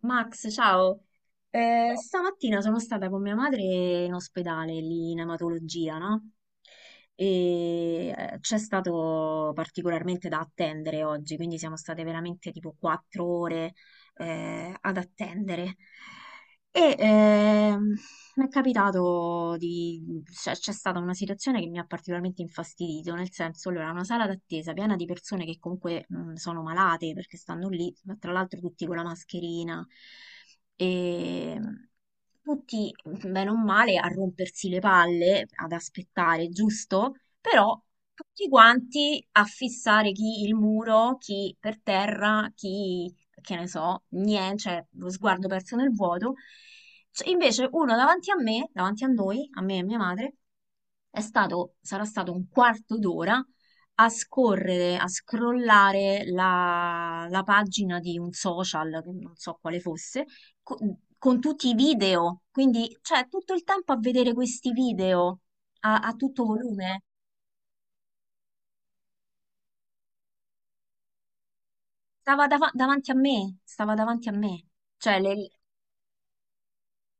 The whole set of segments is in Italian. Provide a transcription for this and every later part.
Max, ciao. Stamattina sono stata con mia madre in ospedale lì in ematologia, no? E c'è stato particolarmente da attendere oggi, quindi siamo state veramente tipo 4 ore ad attendere. E mi è capitato di... c'è stata una situazione che mi ha particolarmente infastidito, nel senso, allora, una sala d'attesa piena di persone che comunque sono malate perché stanno lì, ma tra l'altro tutti con la mascherina, e tutti, bene o male, a rompersi le palle, ad aspettare, giusto? Però tutti quanti a fissare chi il muro, chi per terra, chi, che ne so, niente, cioè lo sguardo perso nel vuoto. Cioè, invece uno davanti a me, davanti a noi, a me e mia madre, è stato, sarà stato un quarto d'ora a scorrere, a scrollare la pagina di un social, che non so quale fosse, co- con, tutti i video. Quindi, cioè, tutto il tempo a vedere questi video a tutto volume. Stava davanti a me, stava davanti a me. Cioè,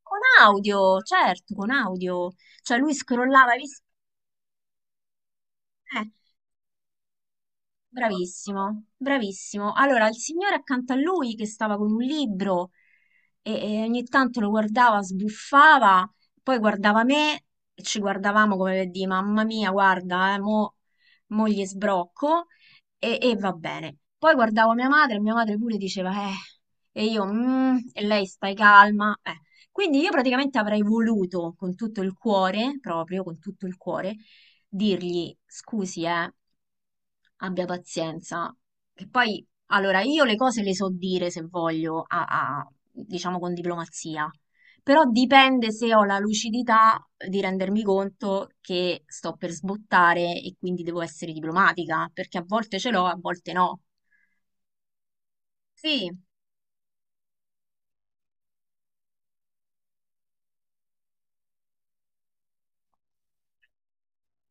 con audio, certo, con audio. Cioè, lui scrollava, hai visto? Eh, Bravissimo, bravissimo. Allora, il signore accanto a lui che stava con un libro e ogni tanto lo guardava, sbuffava, poi guardava me e ci guardavamo come per dire, mamma mia, guarda, mo gli sbrocco e va bene. Poi guardavo mia madre e mia madre pure diceva, e io, "Mm", e lei stai calma. Eh. Quindi io praticamente avrei voluto con tutto il cuore, proprio con tutto il cuore, dirgli, scusi, abbia pazienza. Che poi, allora, io le cose le so dire se voglio, diciamo con diplomazia, però dipende se ho la lucidità di rendermi conto che sto per sbottare e quindi devo essere diplomatica, perché a volte ce l'ho, a volte no. Sì.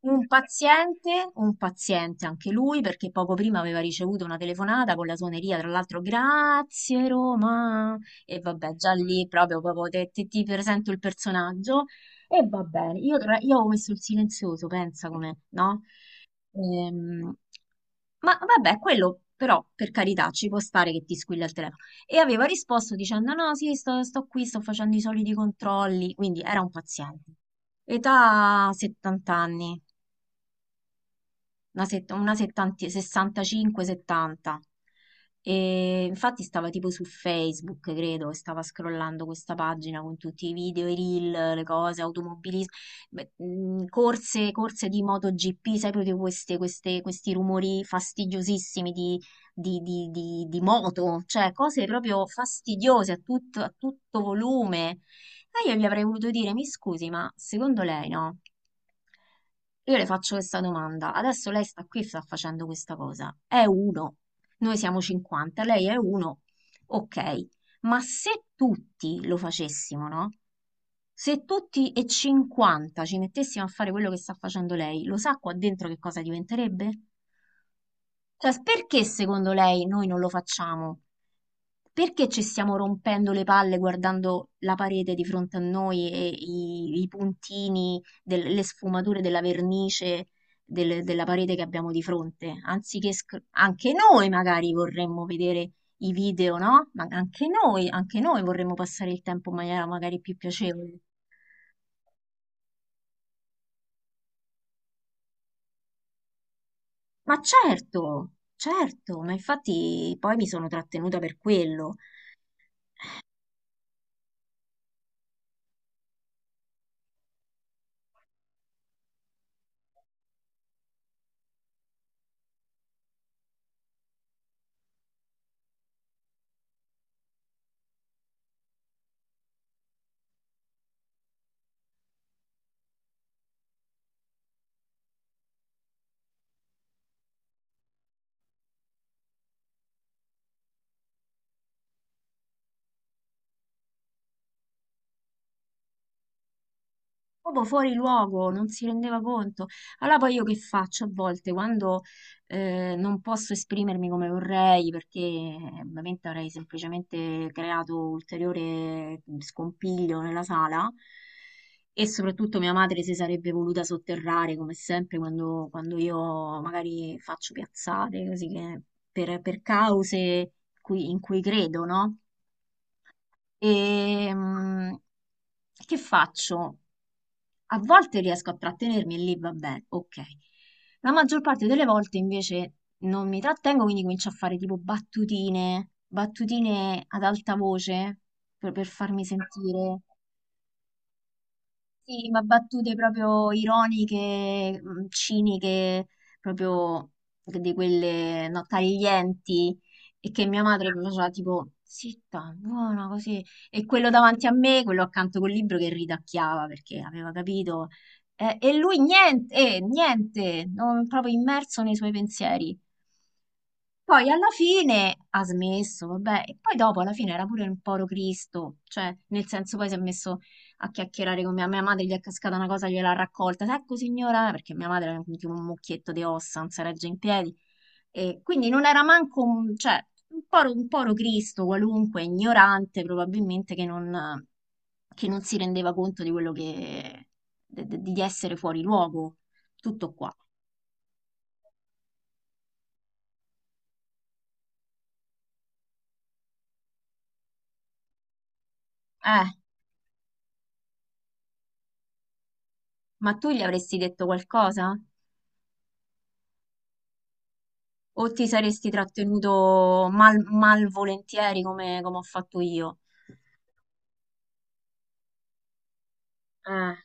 Un paziente anche lui, perché poco prima aveva ricevuto una telefonata con la suoneria, tra l'altro, grazie Roma, e vabbè, già lì proprio, proprio ti presento il personaggio, e va bene, io ho messo il silenzioso, pensa come, no? Ehm, ma vabbè, quello però, per carità, ci può stare che ti squilla il telefono. E aveva risposto dicendo, no, sì, sto qui, sto facendo i soliti controlli, quindi era un paziente. Età 70 anni una 70 65-70. E infatti stava tipo su Facebook, credo, e stava scrollando questa pagina con tutti i video, i reel, le cose, automobilismo, beh, corse, corse di MotoGP, sai proprio questi rumori fastidiosissimi di moto, cioè cose proprio fastidiose a tutto volume. E io gli avrei voluto dire, mi scusi, ma secondo lei no? Io le faccio questa domanda. Adesso lei sta qui e sta facendo questa cosa. È uno. Noi siamo 50, lei è uno. Ok. Ma se tutti lo facessimo, no? Se tutti e 50 ci mettessimo a fare quello che sta facendo lei, lo sa qua dentro che cosa diventerebbe? Cioè, perché secondo lei noi non lo facciamo? Perché ci stiamo rompendo le palle guardando la parete di fronte a noi e i puntini, le sfumature della vernice della parete che abbiamo di fronte? Anziché anche noi magari vorremmo vedere i video, no? Ma anche noi vorremmo passare il tempo in maniera magari più piacevole. Ma certo, certo, ma infatti poi mi sono trattenuta per quello. Proprio fuori luogo, non si rendeva conto. Allora poi io che faccio a volte quando non posso esprimermi come vorrei perché ovviamente avrei semplicemente creato ulteriore scompiglio nella sala e soprattutto mia madre si sarebbe voluta sotterrare come sempre quando, quando io magari faccio piazzate così che per cause in cui credo, no? E che faccio? A volte riesco a trattenermi e lì va bene, ok. La maggior parte delle volte invece non mi trattengo, quindi comincio a fare tipo battutine, battutine ad alta voce per farmi sentire. Sì, ma battute proprio ironiche, ciniche, proprio di quelle no, taglienti e che mia madre faceva tipo zitta, buona così. E quello davanti a me, quello accanto col libro che ridacchiava perché aveva capito. E lui niente, niente, proprio immerso nei suoi pensieri. Poi alla fine ha smesso, vabbè, e poi dopo alla fine era pure un povero Cristo, cioè nel senso poi si è messo a chiacchierare con mia madre, gli è cascata una cosa, gliel'ha raccolta, ecco signora, perché mia madre era tipo un mucchietto di ossa, non si regge in piedi, e quindi non era manco cioè, un povero Cristo qualunque, ignorante probabilmente, che non, si rendeva conto di quello che, di essere fuori luogo, tutto qua. Eh, ma tu gli avresti detto qualcosa? O ti saresti trattenuto malvolentieri come ho fatto io? Ah,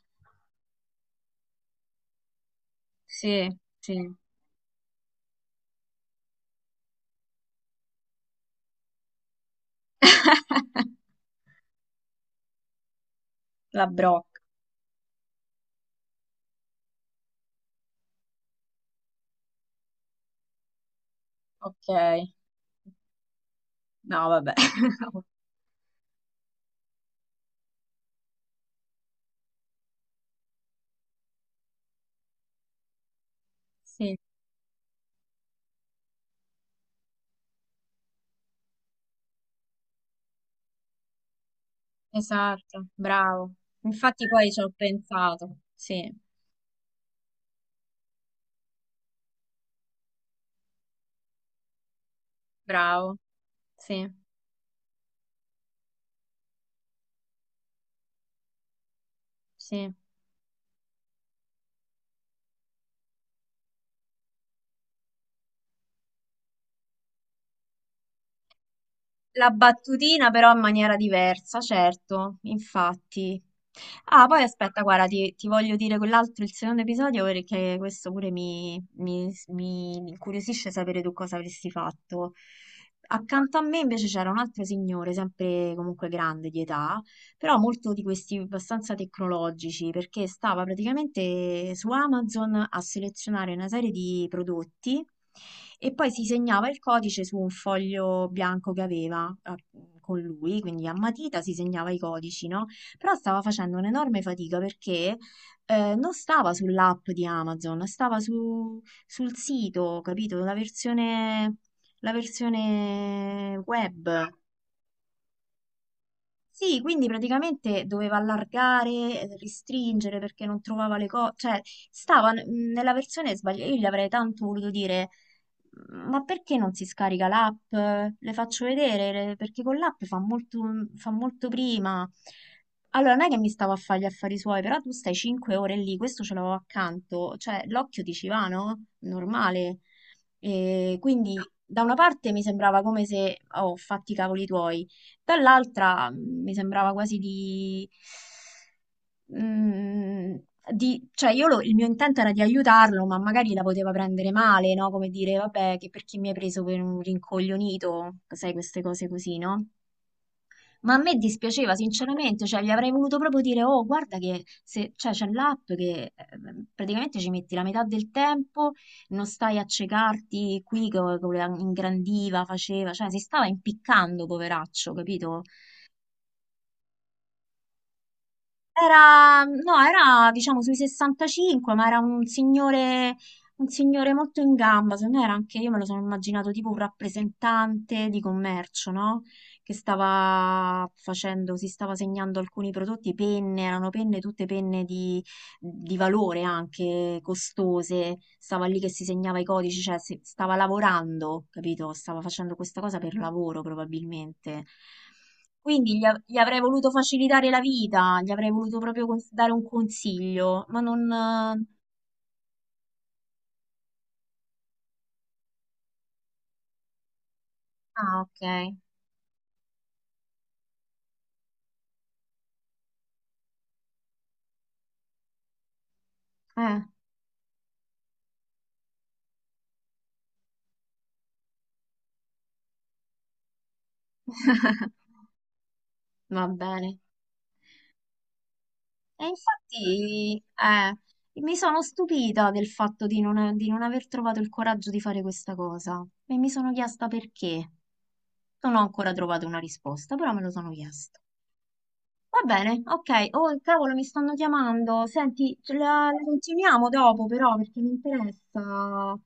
sì, sì. La brocca. Ok. No, vabbè. Sì, esatto, bravo. Infatti poi ci ho pensato. Sì, bravo. Sì, sì. La battutina però in maniera diversa, certo, infatti. Ah, poi aspetta, guarda, ti voglio dire quell'altro, il secondo episodio, perché questo pure mi incuriosisce sapere tu cosa avresti fatto. Accanto a me invece c'era un altro signore, sempre comunque grande di età, però molto di questi abbastanza tecnologici, perché stava praticamente su Amazon a selezionare una serie di prodotti e poi si segnava il codice su un foglio bianco che aveva con lui, quindi a matita si segnava i codici, no? Però stava facendo un'enorme fatica perché non stava sull'app di Amazon, stava sul sito, capito? La versione web. Sì, quindi praticamente doveva allargare, restringere perché non trovava le cose, cioè stava nella versione sbagliata, io gli avrei tanto voluto dire, ma perché non si scarica l'app? Le faccio vedere, perché con l'app fa molto prima. Allora, non è che mi stavo a fare gli affari suoi, però tu stai 5 ore lì, questo ce l'avevo accanto, cioè l'occhio ti ci va, no? Normale. E quindi da una parte mi sembrava come se, oh, fatti i cavoli tuoi dall'altra mi sembrava quasi mh, cioè il mio intento era di aiutarlo, ma magari la poteva prendere male, no? Come dire, vabbè, che perché mi hai preso per un rincoglionito, sai, queste cose così, no? Ma a me dispiaceva sinceramente, cioè gli avrei voluto proprio dire, oh, guarda che se, cioè, c'è l'app che praticamente ci metti la metà del tempo, non stai a ciecarti qui che ingrandiva, faceva, cioè si stava impiccando, poveraccio, capito? Era, no, era diciamo sui 65, ma era un signore molto in gamba. Secondo me era anche, io me lo sono immaginato tipo un rappresentante di commercio, no? Che stava facendo, si stava segnando alcuni prodotti, penne, erano penne, tutte penne di valore anche costose, stava lì che si segnava i codici, cioè stava lavorando, capito? Stava facendo questa cosa per lavoro probabilmente. Quindi gli avrei voluto facilitare la vita, gli avrei voluto proprio dare un consiglio, ma non... Ah, ok. Eh. Va bene. E infatti, mi sono stupita del fatto di non, aver trovato il coraggio di fare questa cosa e mi sono chiesta perché. Non ho ancora trovato una risposta, però me lo sono chiesto. Va bene, ok. Oh, cavolo, mi stanno chiamando. Senti, ce la continuiamo dopo, però, perché mi interessa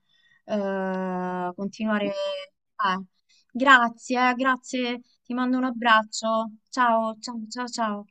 continuare. Grazie, grazie. Ti mando un abbraccio. Ciao, ciao, ciao, ciao.